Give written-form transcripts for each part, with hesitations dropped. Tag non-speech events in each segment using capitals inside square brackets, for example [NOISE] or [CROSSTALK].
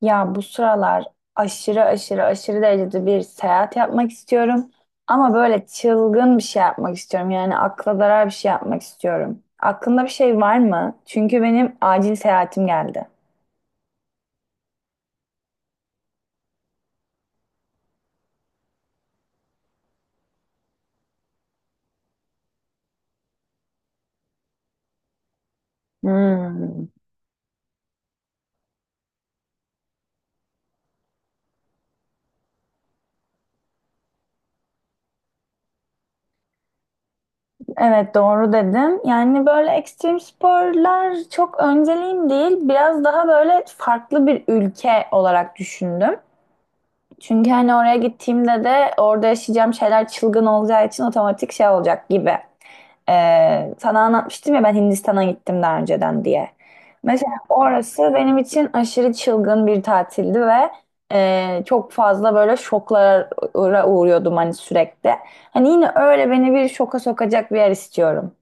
Ya bu sıralar aşırı aşırı aşırı derecede bir seyahat yapmak istiyorum. Ama böyle çılgın bir şey yapmak istiyorum. Yani akla zarar bir şey yapmak istiyorum. Aklında bir şey var mı? Çünkü benim acil seyahatim geldi. Hmm. Evet doğru dedim. Yani böyle ekstrem sporlar çok önceliğim değil. Biraz daha böyle farklı bir ülke olarak düşündüm. Çünkü hani oraya gittiğimde de orada yaşayacağım şeyler çılgın olacağı için otomatik şey olacak gibi. Sana anlatmıştım ya ben Hindistan'a gittim daha önceden diye. Mesela orası benim için aşırı çılgın bir tatildi ve çok fazla böyle şoklara uğruyordum hani sürekli. Hani yine öyle beni bir şoka sokacak bir yer istiyorum.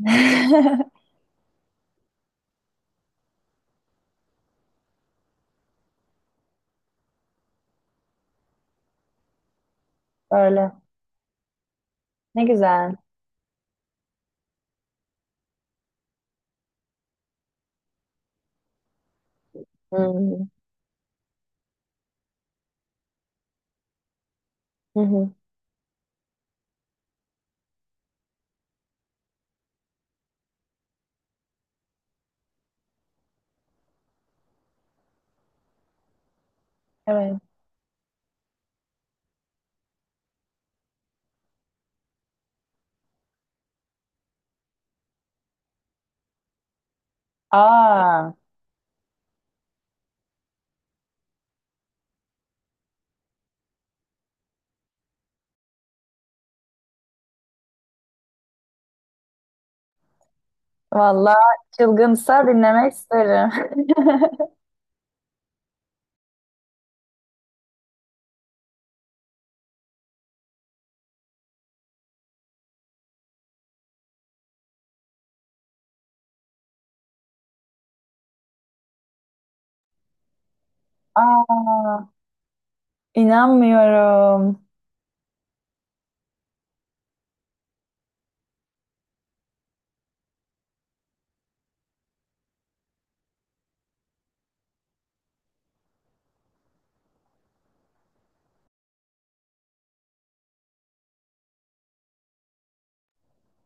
[LAUGHS] Öyle. Ne güzel. Hı Hı hı. Evet. Aa. Vallahi çılgınsa dinlemek isterim. [LAUGHS] Aa, inanmıyorum.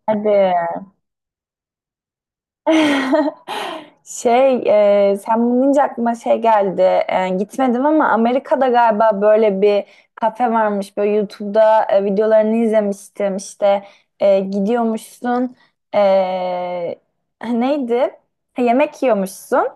Hadi. [LAUGHS] Şey, sen bunu deyince aklıma şey geldi. Gitmedim ama Amerika'da galiba böyle bir kafe varmış. Böyle YouTube'da videolarını izlemiştim. İşte gidiyormuşsun. E, neydi? Ha, yemek yiyormuşsun.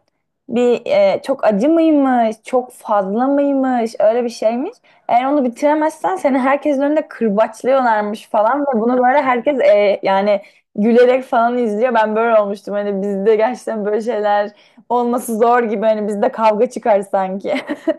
Bir çok acı mıymış, çok fazla mıymış, öyle bir şeymiş. Eğer onu bitiremezsen seni herkesin önünde kırbaçlıyorlarmış falan ve bunu böyle herkes yani gülerek falan izliyor. Ben böyle olmuştum. Hani bizde gerçekten böyle şeyler olması zor gibi. Hani bizde kavga çıkar sanki. [LAUGHS]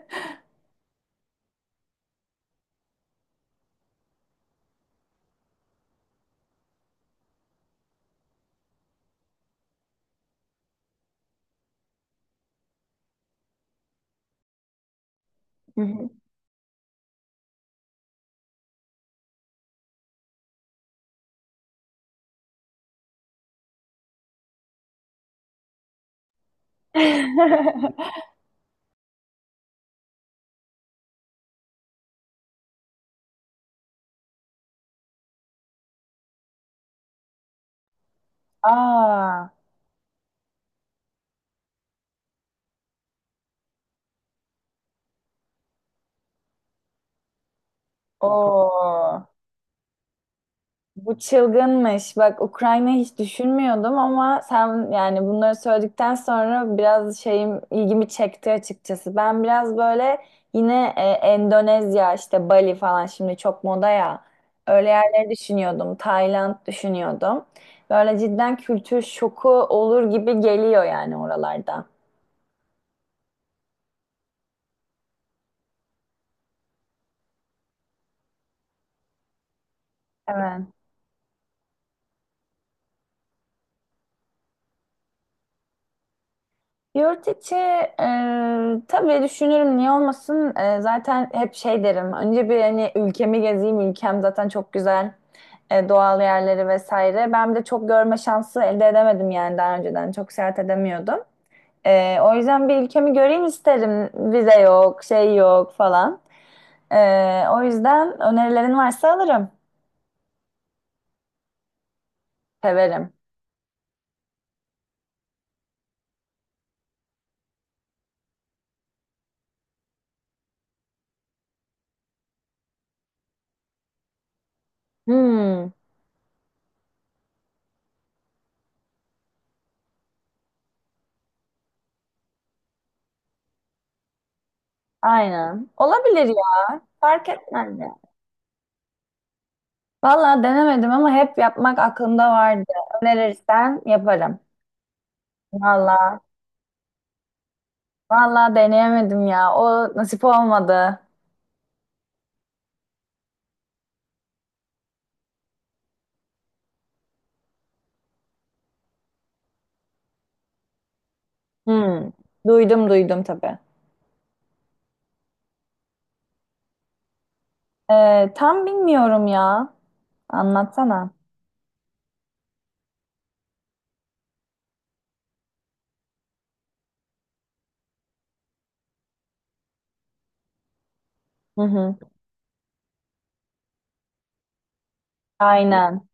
Hı hı. [LAUGHS] Aa, o. Bu çılgınmış. Bak Ukrayna hiç düşünmüyordum ama sen yani bunları söyledikten sonra biraz şeyim ilgimi çekti açıkçası. Ben biraz böyle yine Endonezya işte Bali falan şimdi çok moda ya. Öyle yerleri düşünüyordum. Tayland düşünüyordum. Böyle cidden kültür şoku olur gibi geliyor yani oralarda. Evet. Yurt içi tabii düşünürüm niye olmasın. Zaten hep şey derim. Önce bir hani ülkemi gezeyim. Ülkem zaten çok güzel. Doğal yerleri vesaire. Ben bir de çok görme şansı elde edemedim yani daha önceden. Çok seyahat edemiyordum. O yüzden bir ülkemi göreyim isterim. Vize yok, şey yok falan. E, o yüzden önerilerin varsa alırım. Severim. Hmm, aynen. Olabilir ya. Fark etmez. Valla denemedim ama hep yapmak aklımda vardı. Önerirsen yaparım. Valla. Valla deneyemedim ya. O nasip olmadı. Hmm. Duydum duydum tabii. Tam bilmiyorum ya. Anlatsana. Hı hı. Aynen.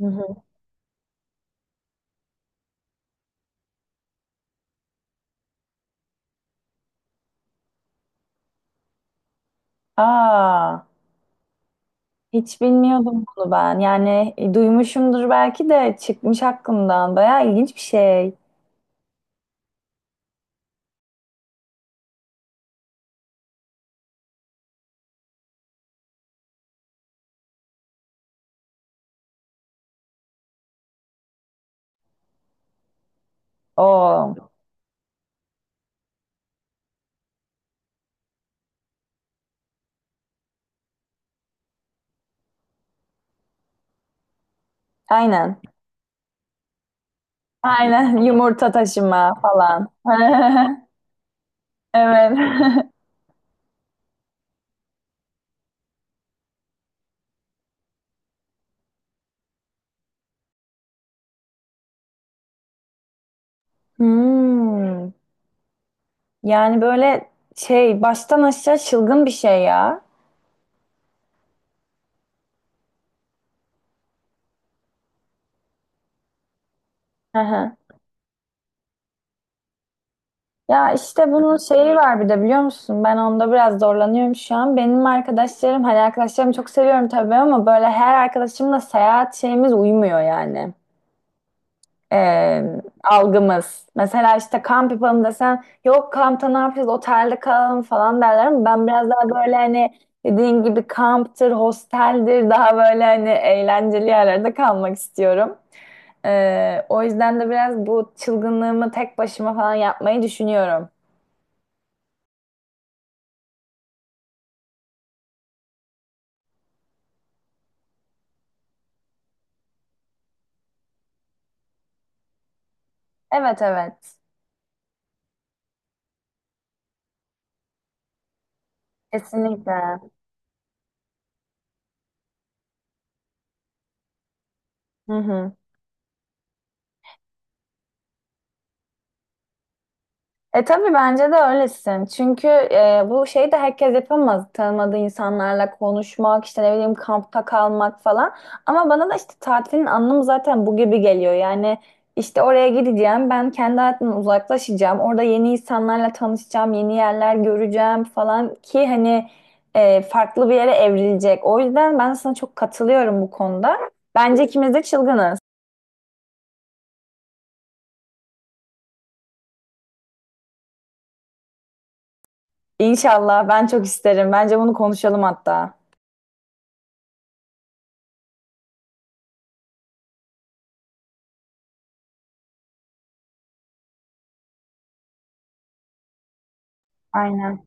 Hı hı. Aa, hiç bilmiyordum bunu ben. Yani duymuşumdur belki de çıkmış aklımdan. Bayağı ilginç bir şey. Oo. Aynen. Aynen. [LAUGHS] Yumurta taşıma falan. [LAUGHS] Evet. [LAUGHS] Hmm. Yani böyle şey baştan aşağı çılgın bir şey ya. Hı hı. Ya işte bunun şeyi var bir de biliyor musun? Ben onda biraz zorlanıyorum şu an. Benim arkadaşlarım hani arkadaşlarımı çok seviyorum tabii ama böyle her arkadaşımla seyahat şeyimiz uymuyor yani. Ee, algımız. Mesela işte kamp yapalım desen yok kampta ne yapacağız otelde kalalım falan derler ama ben biraz daha böyle hani dediğin gibi kamptır, hosteldir daha böyle hani eğlenceli yerlerde kalmak istiyorum. O yüzden de biraz bu çılgınlığımı tek başıma falan yapmayı düşünüyorum. Evet evet. Kesinlikle. Hı hı. Tabii bence de öylesin. Çünkü bu şeyi de herkes yapamaz. Tanımadığı insanlarla konuşmak, işte ne bileyim kampta kalmak falan. Ama bana da işte tatilin anlamı zaten bu gibi geliyor. Yani işte oraya gideceğim, ben kendi hayatımdan uzaklaşacağım. Orada yeni insanlarla tanışacağım, yeni yerler göreceğim falan ki hani farklı bir yere evrilecek. O yüzden ben sana çok katılıyorum bu konuda. Bence ikimiz de çılgınız. İnşallah ben çok isterim. Bence bunu konuşalım hatta. Aynen.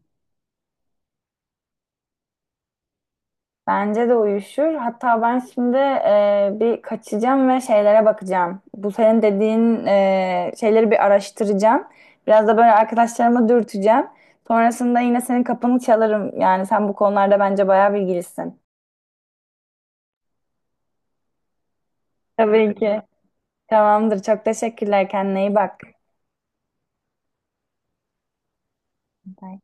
Bence de uyuşur. Hatta ben şimdi bir kaçacağım ve şeylere bakacağım. Bu senin dediğin şeyleri bir araştıracağım. Biraz da böyle arkadaşlarıma dürteceğim. Sonrasında yine senin kapını çalarım. Yani sen bu konularda bence bayağı bilgilisin. Tabii ki. Tamamdır. Çok teşekkürler. Kendine iyi bak. Bye.